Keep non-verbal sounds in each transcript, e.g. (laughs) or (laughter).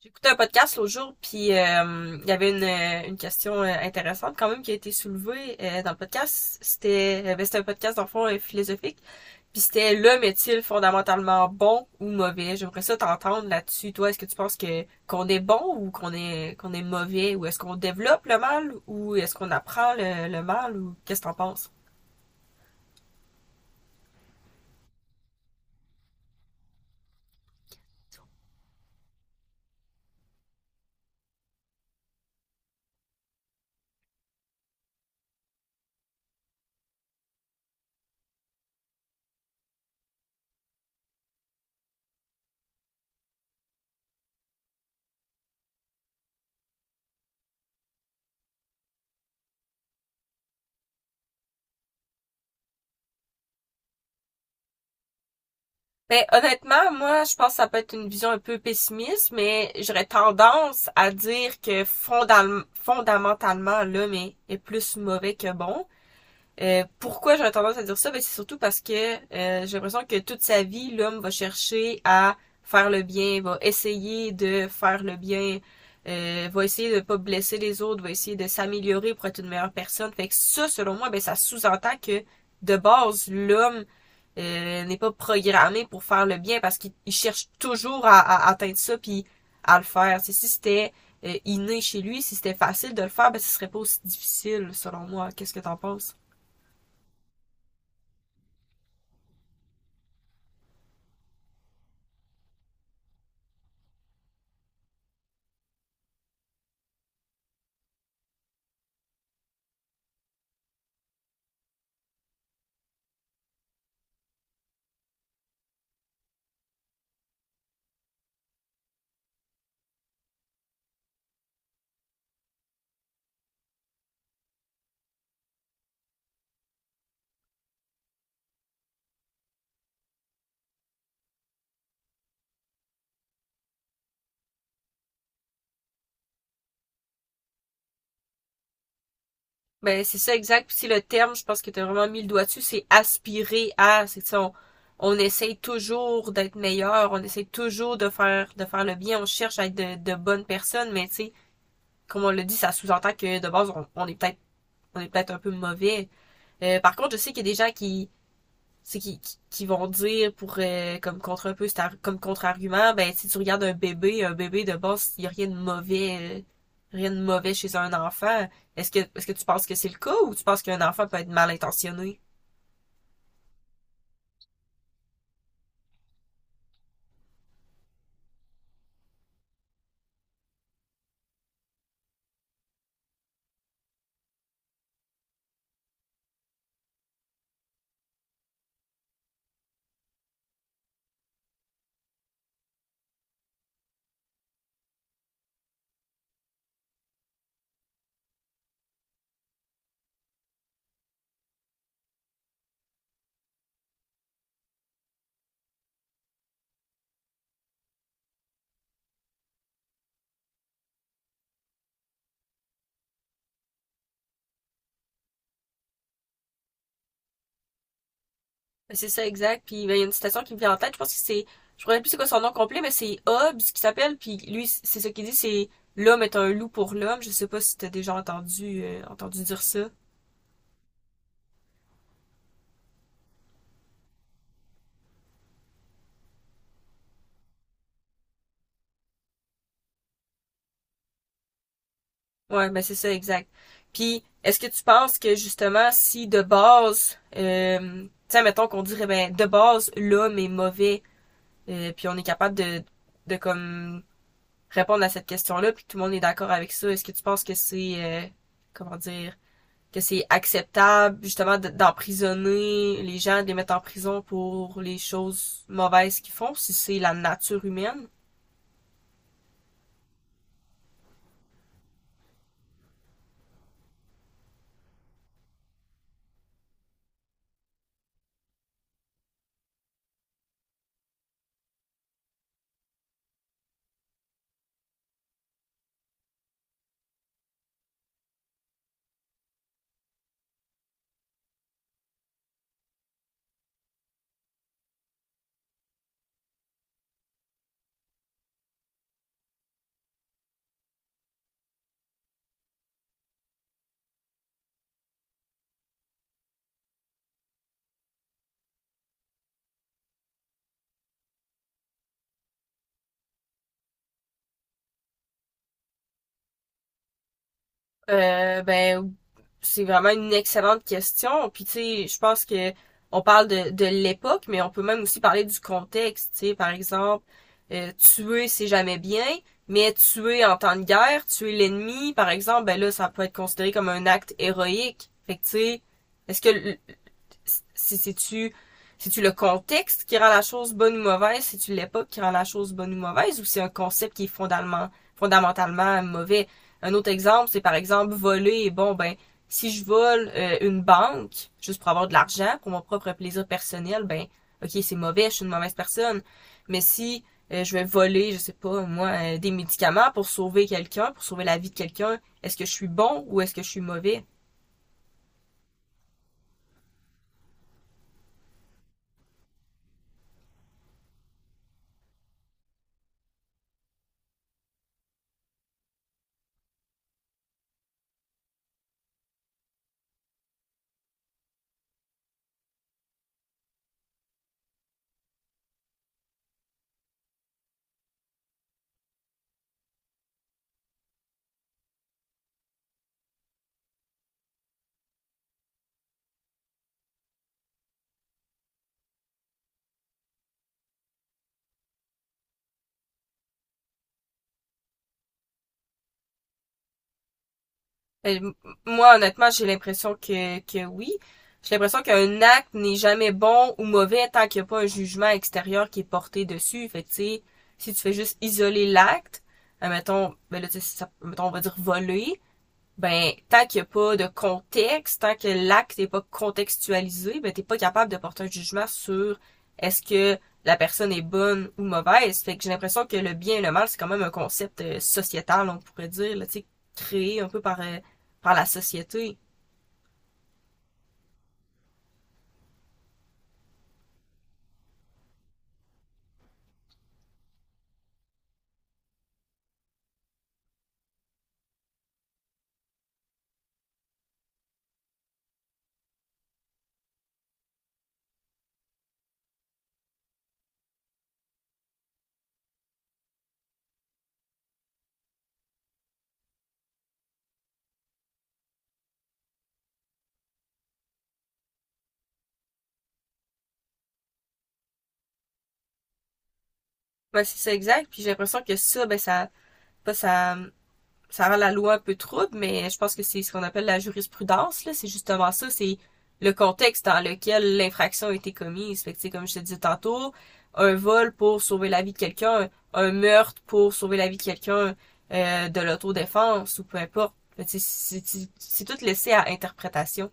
J'écoutais un podcast l'autre jour, puis il y avait une question intéressante quand même qui a été soulevée dans le podcast. C'était c'était un podcast dans le fond philosophique, puis c'était l'homme est-il fondamentalement bon ou mauvais? J'aimerais ça t'entendre là-dessus. Toi, est-ce que tu penses que qu'on est bon ou qu'on est mauvais ou est-ce qu'on développe le mal ou est-ce qu'on apprend le mal ou qu'est-ce que t'en penses? Ben, honnêtement, moi, je pense que ça peut être une vision un peu pessimiste, mais j'aurais tendance à dire que fondamentalement, l'homme est plus mauvais que bon. Pourquoi j'aurais tendance à dire ça? Ben, c'est surtout parce que j'ai l'impression que toute sa vie, l'homme va chercher à faire le bien, va essayer de faire le bien, va essayer de ne pas blesser les autres, va essayer de s'améliorer pour être une meilleure personne. Fait que ça, selon moi, ben, ça sous-entend que de base, l'homme n'est pas programmé pour faire le bien parce qu'il cherche toujours à atteindre ça puis à le faire. C'est si c'était inné chez lui, si c'était facile de le faire, ben ce serait pas aussi difficile, selon moi. Qu'est-ce que t'en penses? Ben, c'est ça exact. Puis c'est le terme, je pense que tu as vraiment mis le doigt dessus, c'est aspirer à. C'est ça, on essaye toujours d'être meilleur, on essaye toujours de faire le bien, on cherche à être de bonnes personnes, mais tu sais, comme on l'a dit, ça sous-entend que de base, on est peut-être un peu mauvais. Par contre, je sais qu'il y a des gens qui, c'est qui vont dire pour comme contre un peu comme contre-argument, ben si tu regardes un bébé de base, il y a rien de mauvais, rien de mauvais chez un enfant. Est-ce que tu penses que c'est le cas ou tu penses qu'un enfant peut être mal intentionné? Ben, c'est ça exact. Puis ben, il y a une citation qui me vient en tête. Je pense que c'est, je ne me rappelle plus c'est quoi son nom complet, mais c'est Hobbes qui s'appelle, puis lui c'est ce qu'il dit, c'est l'homme est un loup pour l'homme. Je sais pas si t'as déjà entendu entendu dire ça. Ouais, ben c'est ça, exact. Puis, est-ce que tu penses que justement, si de base, tiens, mettons qu'on dirait, ben, de base, l'homme est mauvais, puis on est capable de comme répondre à cette question-là, puis que tout le monde est d'accord avec ça, est-ce que tu penses que c'est, comment dire, que c'est acceptable justement d'emprisonner les gens, de les mettre en prison pour les choses mauvaises qu'ils font, si c'est la nature humaine? Ben c'est vraiment une excellente question. Puis tu sais, je pense que on parle de l'époque, mais on peut même aussi parler du contexte. Tu sais, par exemple, tuer c'est jamais bien, mais tuer en temps de guerre, tuer l'ennemi, par exemple, ben là, ça peut être considéré comme un acte héroïque. Fait que tu sais, est-ce que si c'est-tu c'est-tu le contexte qui rend la chose bonne ou mauvaise, c'est-tu l'époque qui rend la chose bonne ou mauvaise, ou c'est un concept qui est fondamentalement mauvais? Un autre exemple, c'est par exemple voler. Bon, ben, si je vole une banque, juste pour avoir de l'argent, pour mon propre plaisir personnel, ben, ok, c'est mauvais, je suis une mauvaise personne. Mais si je vais voler, je sais pas, moi, des médicaments pour sauver quelqu'un, pour sauver la vie de quelqu'un, est-ce que je suis bon ou est-ce que je suis mauvais? Euh, m- Moi, honnêtement, j'ai l'impression que oui. J'ai l'impression qu'un acte n'est jamais bon ou mauvais tant qu'il n'y a pas un jugement extérieur qui est porté dessus. Fait que, tu sais, si tu fais juste isoler l'acte, mettons, ben là, tu sais, mettons, on va dire voler, ben tant qu'il n'y a pas de contexte, tant que l'acte n'est pas contextualisé, ben t'es pas capable de porter un jugement sur est-ce que la personne est bonne ou mauvaise. Fait que j'ai l'impression que le bien et le mal, c'est quand même un concept sociétal, on pourrait dire, là, tu sais, créé un peu par la société. Ben c'est ça exact, puis j'ai l'impression que ça, ben ça, pas ça ça rend la loi un peu trouble, mais je pense que c'est ce qu'on appelle la jurisprudence, là. C'est justement ça, c'est le contexte dans lequel l'infraction a été commise. Fait que, comme je te disais tantôt, un vol pour sauver la vie de quelqu'un, un meurtre pour sauver la vie de quelqu'un, de l'autodéfense ou peu importe. C'est tout laissé à interprétation.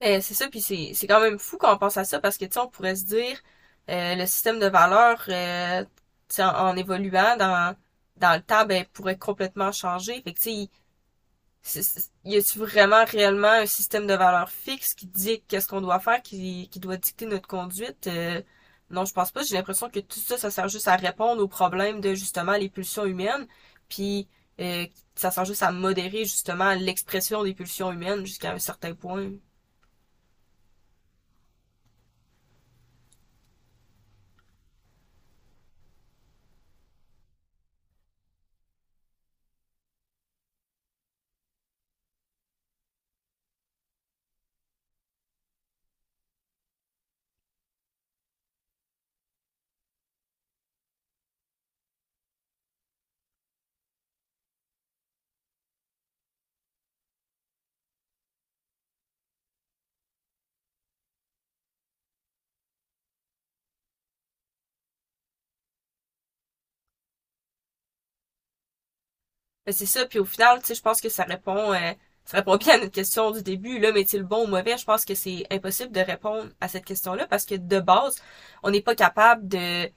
Ben, c'est ça, puis c'est quand même fou quand on pense à ça parce que tu sais, on pourrait se dire le système de valeurs, tu sais, en évoluant dans le temps, ben pourrait complètement changer. Fait que tu sais, y a-tu vraiment réellement un système de valeurs fixe qui dit qu'est-ce qu'on doit faire, qui doit dicter notre conduite? Non, je pense pas. J'ai l'impression que tout ça, ça sert juste à répondre aux problèmes de justement les pulsions humaines, puis euh, ça sert juste à modérer justement l'expression des pulsions humaines jusqu'à un certain point. Ben, c'est ça, puis au final, tu sais, je pense que ça répond bien à notre question du début, l'homme est-il bon ou mauvais? Je pense que c'est impossible de répondre à cette question-là parce que de base, on n'est pas capable de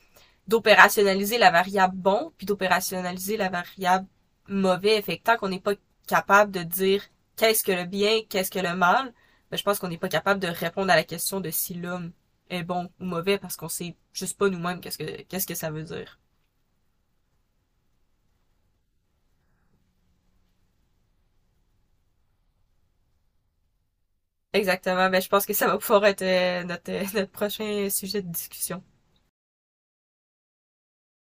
d'opérationnaliser la variable bon puis d'opérationnaliser la variable mauvais. Fait que tant qu'on n'est pas capable de dire qu'est-ce que le bien, qu'est-ce que le mal, ben, je pense qu'on n'est pas capable de répondre à la question de si l'homme est bon ou mauvais parce qu'on sait juste pas nous-mêmes qu'est-ce que ça veut dire. Exactement. Ben, je pense que ça va pouvoir être notre (laughs) notre prochain sujet de discussion.